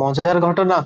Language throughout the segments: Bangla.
মজার ঘটনা।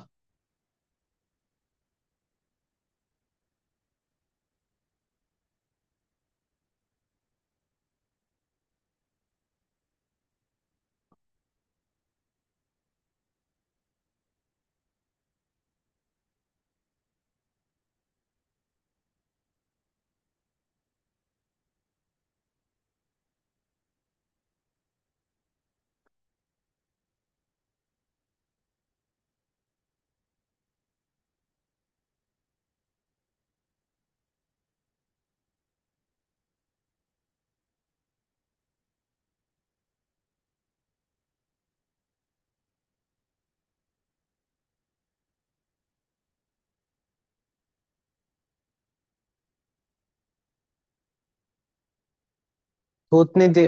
ভূতনি দিয়ে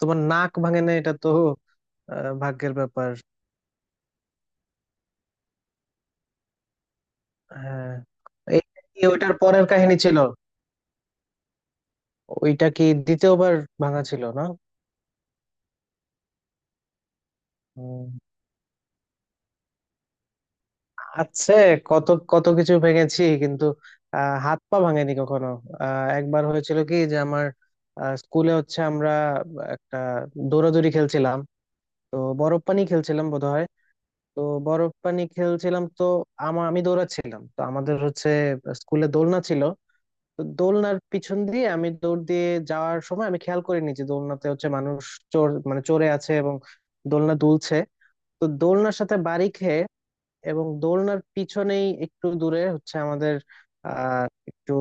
তোমার নাক ভাঙে না এটা তো? ভাগ্যের ব্যাপার। হ্যাঁ। এই কি ওইটার পরের কাহিনী ছিল? ওইটা কি দ্বিতীয়বার ভাঙা ছিল না? উম, আছে। কত কত কিছু ভেঙেছি কিন্তু হাত পা ভাঙেনি কখনো। একবার হয়েছিল কি যে আমার স্কুলে হচ্ছে আমরা একটা দৌড়াদৌড়ি খেলছিলাম। তো বরফ পানি খেলছিলাম বোধহয়। তো বরফ পানি খেলছিলাম তো আমি দৌড়াচ্ছিলাম তো আমাদের হচ্ছে স্কুলে দোলনা ছিল। তো দোলনার পিছন দিয়ে আমি দৌড় দিয়ে যাওয়ার সময় আমি খেয়াল করিনি যে দোলনাতে হচ্ছে মানুষ চোর মানে চড়ে আছে এবং দোলনা দুলছে। তো দোলনার সাথে বাড়ি খেয়ে এবং দোলনার পিছনেই একটু দূরে হচ্ছে আমাদের আহ একটু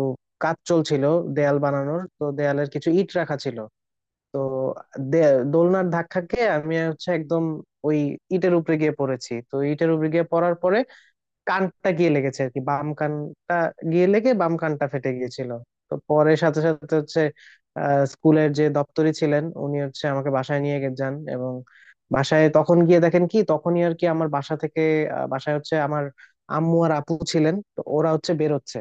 কাজ চলছিল দেয়াল বানানোর। তো দেয়ালের কিছু ইট রাখা ছিল। তো দোলনার ধাক্কা খেয়ে আমি হচ্ছে একদম ওই ইটের উপরে গিয়ে পড়েছি। তো ইটের উপরে গিয়ে পড়ার পরে কানটা গিয়ে লেগেছে আর কি, বাম কানটা গিয়ে লেগে বাম কানটা ফেটে গিয়েছিল। তো পরে সাথে সাথে হচ্ছে স্কুলের যে দপ্তরি ছিলেন উনি হচ্ছে আমাকে বাসায় নিয়ে যান এবং বাসায় তখন গিয়ে দেখেন কি তখনই আর কি আমার বাসা থেকে বাসায় হচ্ছে আমার আম্মু আর আপু ছিলেন তো ওরা হচ্ছে বেরোচ্ছে।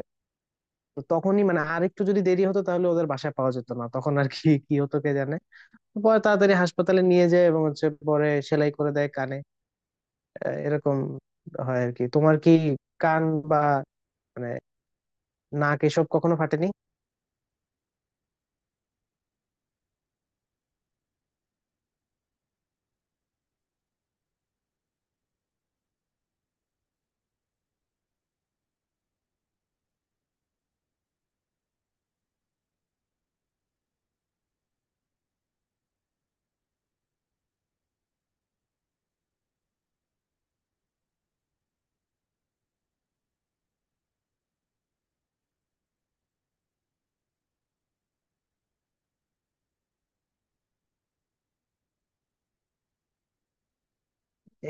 তো তখনই মানে আর একটু যদি দেরি হতো তাহলে ওদের বাসায় পাওয়া যেত না, তখন আর কি কি হতো কে জানে। পরে তাড়াতাড়ি হাসপাতালে নিয়ে যায় এবং হচ্ছে পরে সেলাই করে দেয় কানে। এরকম হয় আর কি। তোমার কি কান বা মানে নাক এসব কখনো ফাটেনি?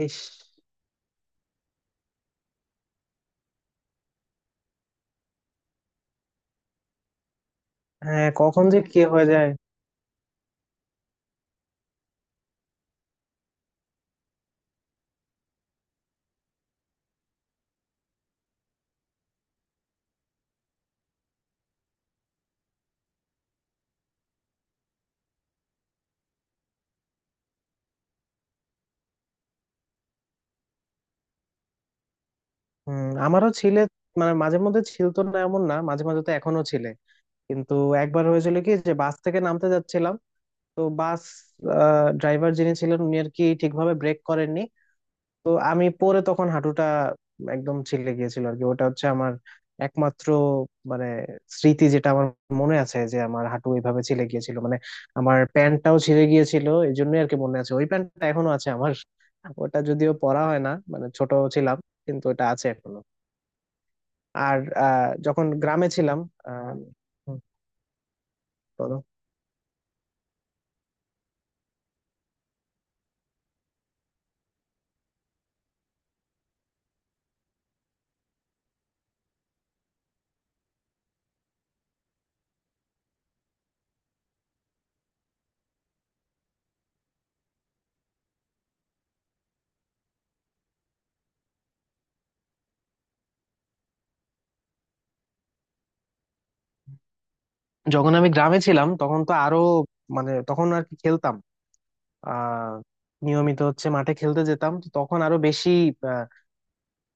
ইস। হ্যাঁ কখন যে কি হয়ে যায়। হুম আমারও ছিলে, মানে মাঝে মধ্যে ছিলতো না এমন না, মাঝে মাঝে তো এখনো ছিলে। কিন্তু একবার হয়েছিল কি যে বাস থেকে নামতে যাচ্ছিলাম। তো বাস ড্রাইভার যিনি ছিলেন উনি আর কি ঠিকভাবে ব্রেক করেননি। তো আমি পরে তখন হাঁটুটা একদম ছিলে গিয়েছিল আর কি। ওটা হচ্ছে আমার একমাত্র মানে স্মৃতি যেটা আমার মনে আছে যে আমার হাঁটু এইভাবে ছিলে গিয়েছিল মানে আমার প্যান্টটাও ছিঁড়ে গিয়েছিল। এই জন্যই আর কি মনে আছে, ওই প্যান্টটা এখনো আছে আমার। ওটা যদিও পরা হয় না মানে ছোট ছিলাম, কিন্তু ওটা আছে এখনো। আর যখন গ্রামে ছিলাম আহ হুম, বলো। যখন আমি গ্রামে ছিলাম তখন তো আরো মানে তখন আর কি খেলতাম। আহ নিয়মিত হচ্ছে মাঠে খেলতে যেতাম। তো তখন আরো বেশি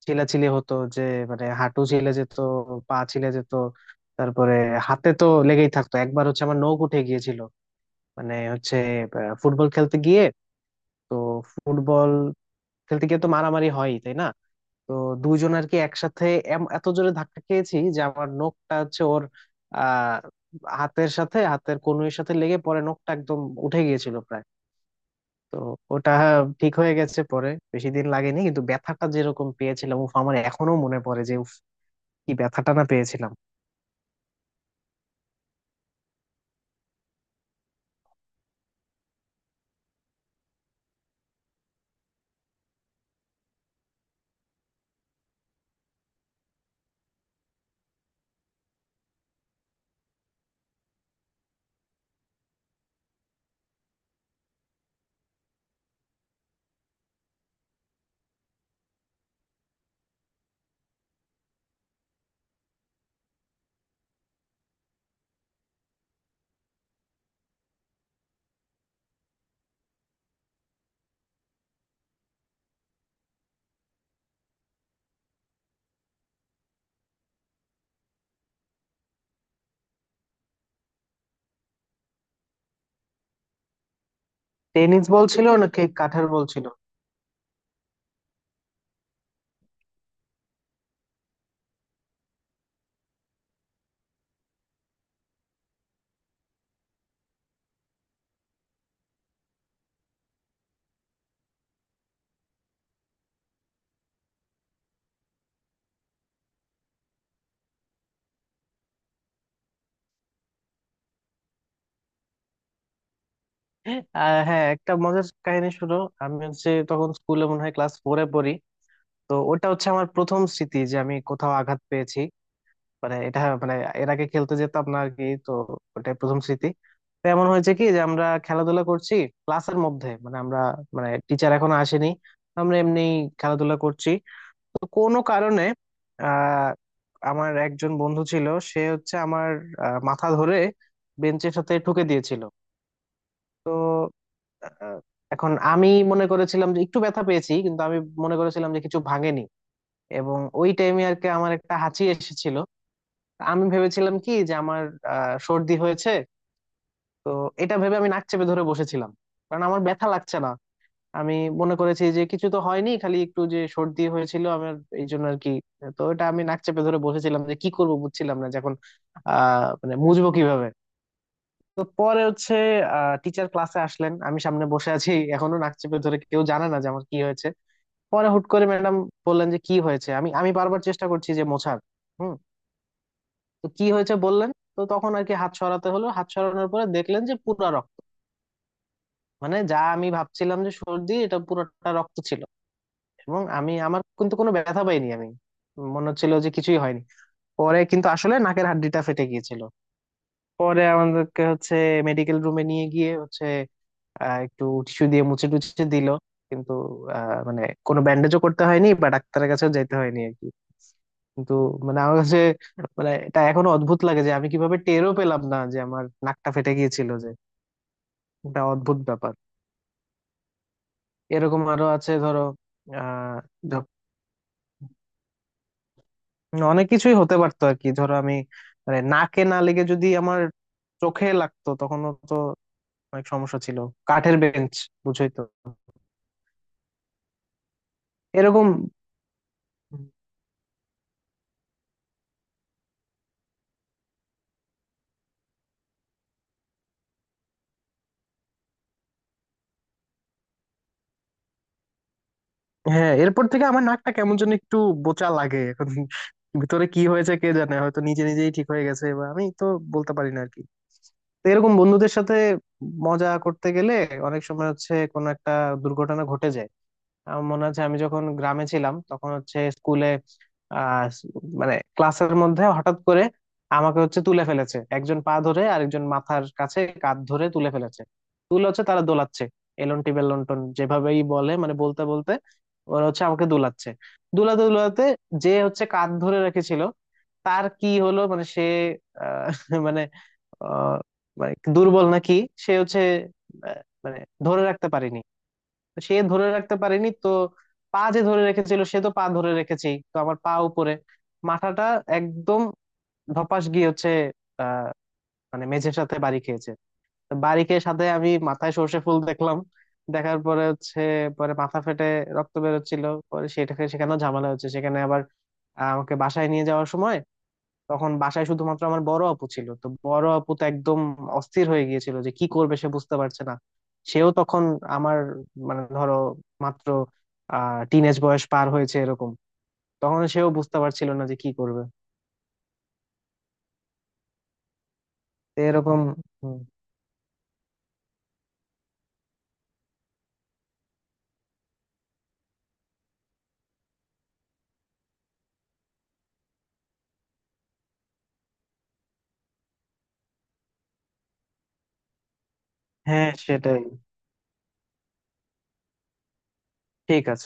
ছিলাছিলি হতো যে মানে হাঁটু ছিলে যেত, পা ছিলে যেত। তারপরে হাতে তো লেগেই থাকতো। একবার হচ্ছে আমার নখ উঠে গিয়েছিল মানে হচ্ছে ফুটবল খেলতে গিয়ে। তো ফুটবল খেলতে গিয়ে তো মারামারি হয় তাই না? তো দুজন আর কি একসাথে এত জোরে ধাক্কা খেয়েছি যে আমার নখটা হচ্ছে ওর আহ হাতের সাথে হাতের কনুইয়ের সাথে লেগে পরে নখটা একদম উঠে গিয়েছিল প্রায়। তো ওটা ঠিক হয়ে গেছে পরে, বেশি দিন লাগেনি কিন্তু ব্যথাটা যেরকম পেয়েছিলাম উফ আমার এখনো মনে পড়ে যে কি ব্যথাটা না পেয়েছিলাম। টেনিস বল ছিল নাকি কাঠের বল ছিল? হ্যাঁ একটা মজার কাহিনী শুনো। আমি হচ্ছে তখন স্কুলে মনে হয় ক্লাস ফোরে পড়ি। তো ওটা হচ্ছে আমার প্রথম স্মৃতি যে আমি কোথাও আঘাত পেয়েছি, মানে এটা মানে এর আগে খেলতে যেতাম না আর কি তো ওটাই প্রথম স্মৃতি। তো এমন হয়েছে কি যে আমরা খেলাধুলা করছি ক্লাসের মধ্যে মানে আমরা মানে টিচার এখনো আসেনি, আমরা এমনি খেলাধুলা করছি। তো কোনো কারণে আহ আমার একজন বন্ধু ছিল সে হচ্ছে আমার মাথা ধরে বেঞ্চের সাথে ঠুকে দিয়েছিল। তো আহ, এখন আমি মনে করেছিলাম যে একটু ব্যথা পেয়েছি কিন্তু আমি মনে করেছিলাম যে কিছু ভাঙেনি। এবং ওই টাইমে আর কি আমার একটা হাঁচি এসেছিল। আমি ভেবেছিলাম কি যে আমার সর্দি হয়েছে। তো এটা ভেবে আমি নাক চেপে ধরে বসেছিলাম কারণ আমার ব্যথা লাগছে না। আমি মনে করেছি যে কিছু তো হয়নি, খালি একটু যে সর্দি হয়েছিল আমার এই জন্য আর কি। তো এটা আমি নাক চেপে ধরে বসেছিলাম যে কি করব বুঝছিলাম না যে এখন মানে মুছবো কিভাবে। তো পরে হচ্ছে টিচার ক্লাসে আসলেন আমি সামনে বসে আছি এখনো নাক চেপে ধরে, কেউ জানে না যে আমার কি হয়েছে। পরে হুট করে ম্যাডাম বললেন যে কি হয়েছে, আমি আমি বারবার চেষ্টা করছি যে মোছার। হুম। তো কি হয়েছে বললেন। তো তখন আর কি হাত সরাতে হলো, হাত সরানোর পরে দেখলেন যে পুরা রক্ত মানে যা আমি ভাবছিলাম যে সর্দি এটা পুরোটা রক্ত ছিল। এবং আমি আমার কিন্তু কোনো ব্যথা পাইনি আমি মনে হচ্ছিল যে কিছুই হয়নি। পরে কিন্তু আসলে নাকের হাড্ডিটা ফেটে গিয়েছিল। পরে আমাদেরকে হচ্ছে মেডিকেল রুমে নিয়ে গিয়ে হচ্ছে একটু টিস্যু দিয়ে মুছে টুছে দিল। কিন্তু মানে কোনো ব্যান্ডেজও করতে হয়নি বা ডাক্তারের কাছেও যেতে হয়নি আর কি। কিন্তু মানে আমার কাছে মানে এটা এখনো অদ্ভুত লাগে যে আমি কিভাবে টেরও পেলাম না যে আমার নাকটা ফেটে গিয়েছিল যে এটা অদ্ভুত ব্যাপার। এরকম আরো আছে ধরো। আহ অনেক কিছুই হতে পারতো আর কি, ধরো আমি মানে নাকে না লেগে যদি আমার চোখে লাগতো তখনও তো অনেক সমস্যা ছিল। কাঠের বেঞ্চ বুঝই তো। এরকম। হ্যাঁ এরপর থেকে আমার নাকটা কেমন যেন একটু বোচা লাগে এখন। ভিতরে কি হয়েছে কে জানে, হয়তো নিজে নিজেই ঠিক হয়ে গেছে বা আমি তো বলতে পারি না আর কি। তো এরকম বন্ধুদের সাথে মজা করতে গেলে অনেক সময় হচ্ছে কোনো একটা দুর্ঘটনা ঘটে যায়। আমার মনে আছে আমি যখন গ্রামে ছিলাম তখন হচ্ছে স্কুলে আহ মানে ক্লাসের মধ্যে হঠাৎ করে আমাকে হচ্ছে তুলে ফেলেছে, একজন পা ধরে আরেকজন মাথার কাছে কাঁধ ধরে তুলে ফেলেছে। তুলে হচ্ছে তারা দোলাচ্ছে এলন্টি বেলন্টন যেভাবেই বলে মানে বলতে বলতে ওরা হচ্ছে আমাকে দোলাচ্ছে। দোলাতে দোলাতে যে হচ্ছে কাঁধ ধরে রেখেছিল তার কি হলো, মানে সে আহ, মানে আহ, মানে দুর্বল নাকি সে হচ্ছে আহ, মানে ধরে রাখতে পারিনি। সে ধরে রাখতে পারেনি তো, পা যে ধরে রেখেছিল সে তো পা ধরে রেখেছেই তো আমার পা উপরে মাথাটা একদম ধপাস গিয়ে হচ্ছে আহ মানে মেঝের সাথে বাড়ি খেয়েছে। তো বাড়ি খেয়ে সাথে আমি মাথায় সর্ষে ফুল দেখলাম। দেখার পরে হচ্ছে পরে মাথা ফেটে রক্ত বেরোচ্ছিল। পরে সেটাকে সেখানেও ঝামেলা হচ্ছে সেখানে আবার আমাকে বাসায় নিয়ে যাওয়ার সময় তখন বাসায় শুধুমাত্র আমার বড় আপু ছিল, তো বড় আপু তো একদম অস্থির হয়ে গিয়েছিল যে কি করবে সে বুঝতে পারছে না। সেও তখন আমার মানে ধরো মাত্র টিনেজ বয়স পার হয়েছে এরকম, তখন সেও বুঝতে পারছিল না যে কি করবে। তো এরকম। হুম, হ্যাঁ সেটাই। ঠিক আছে।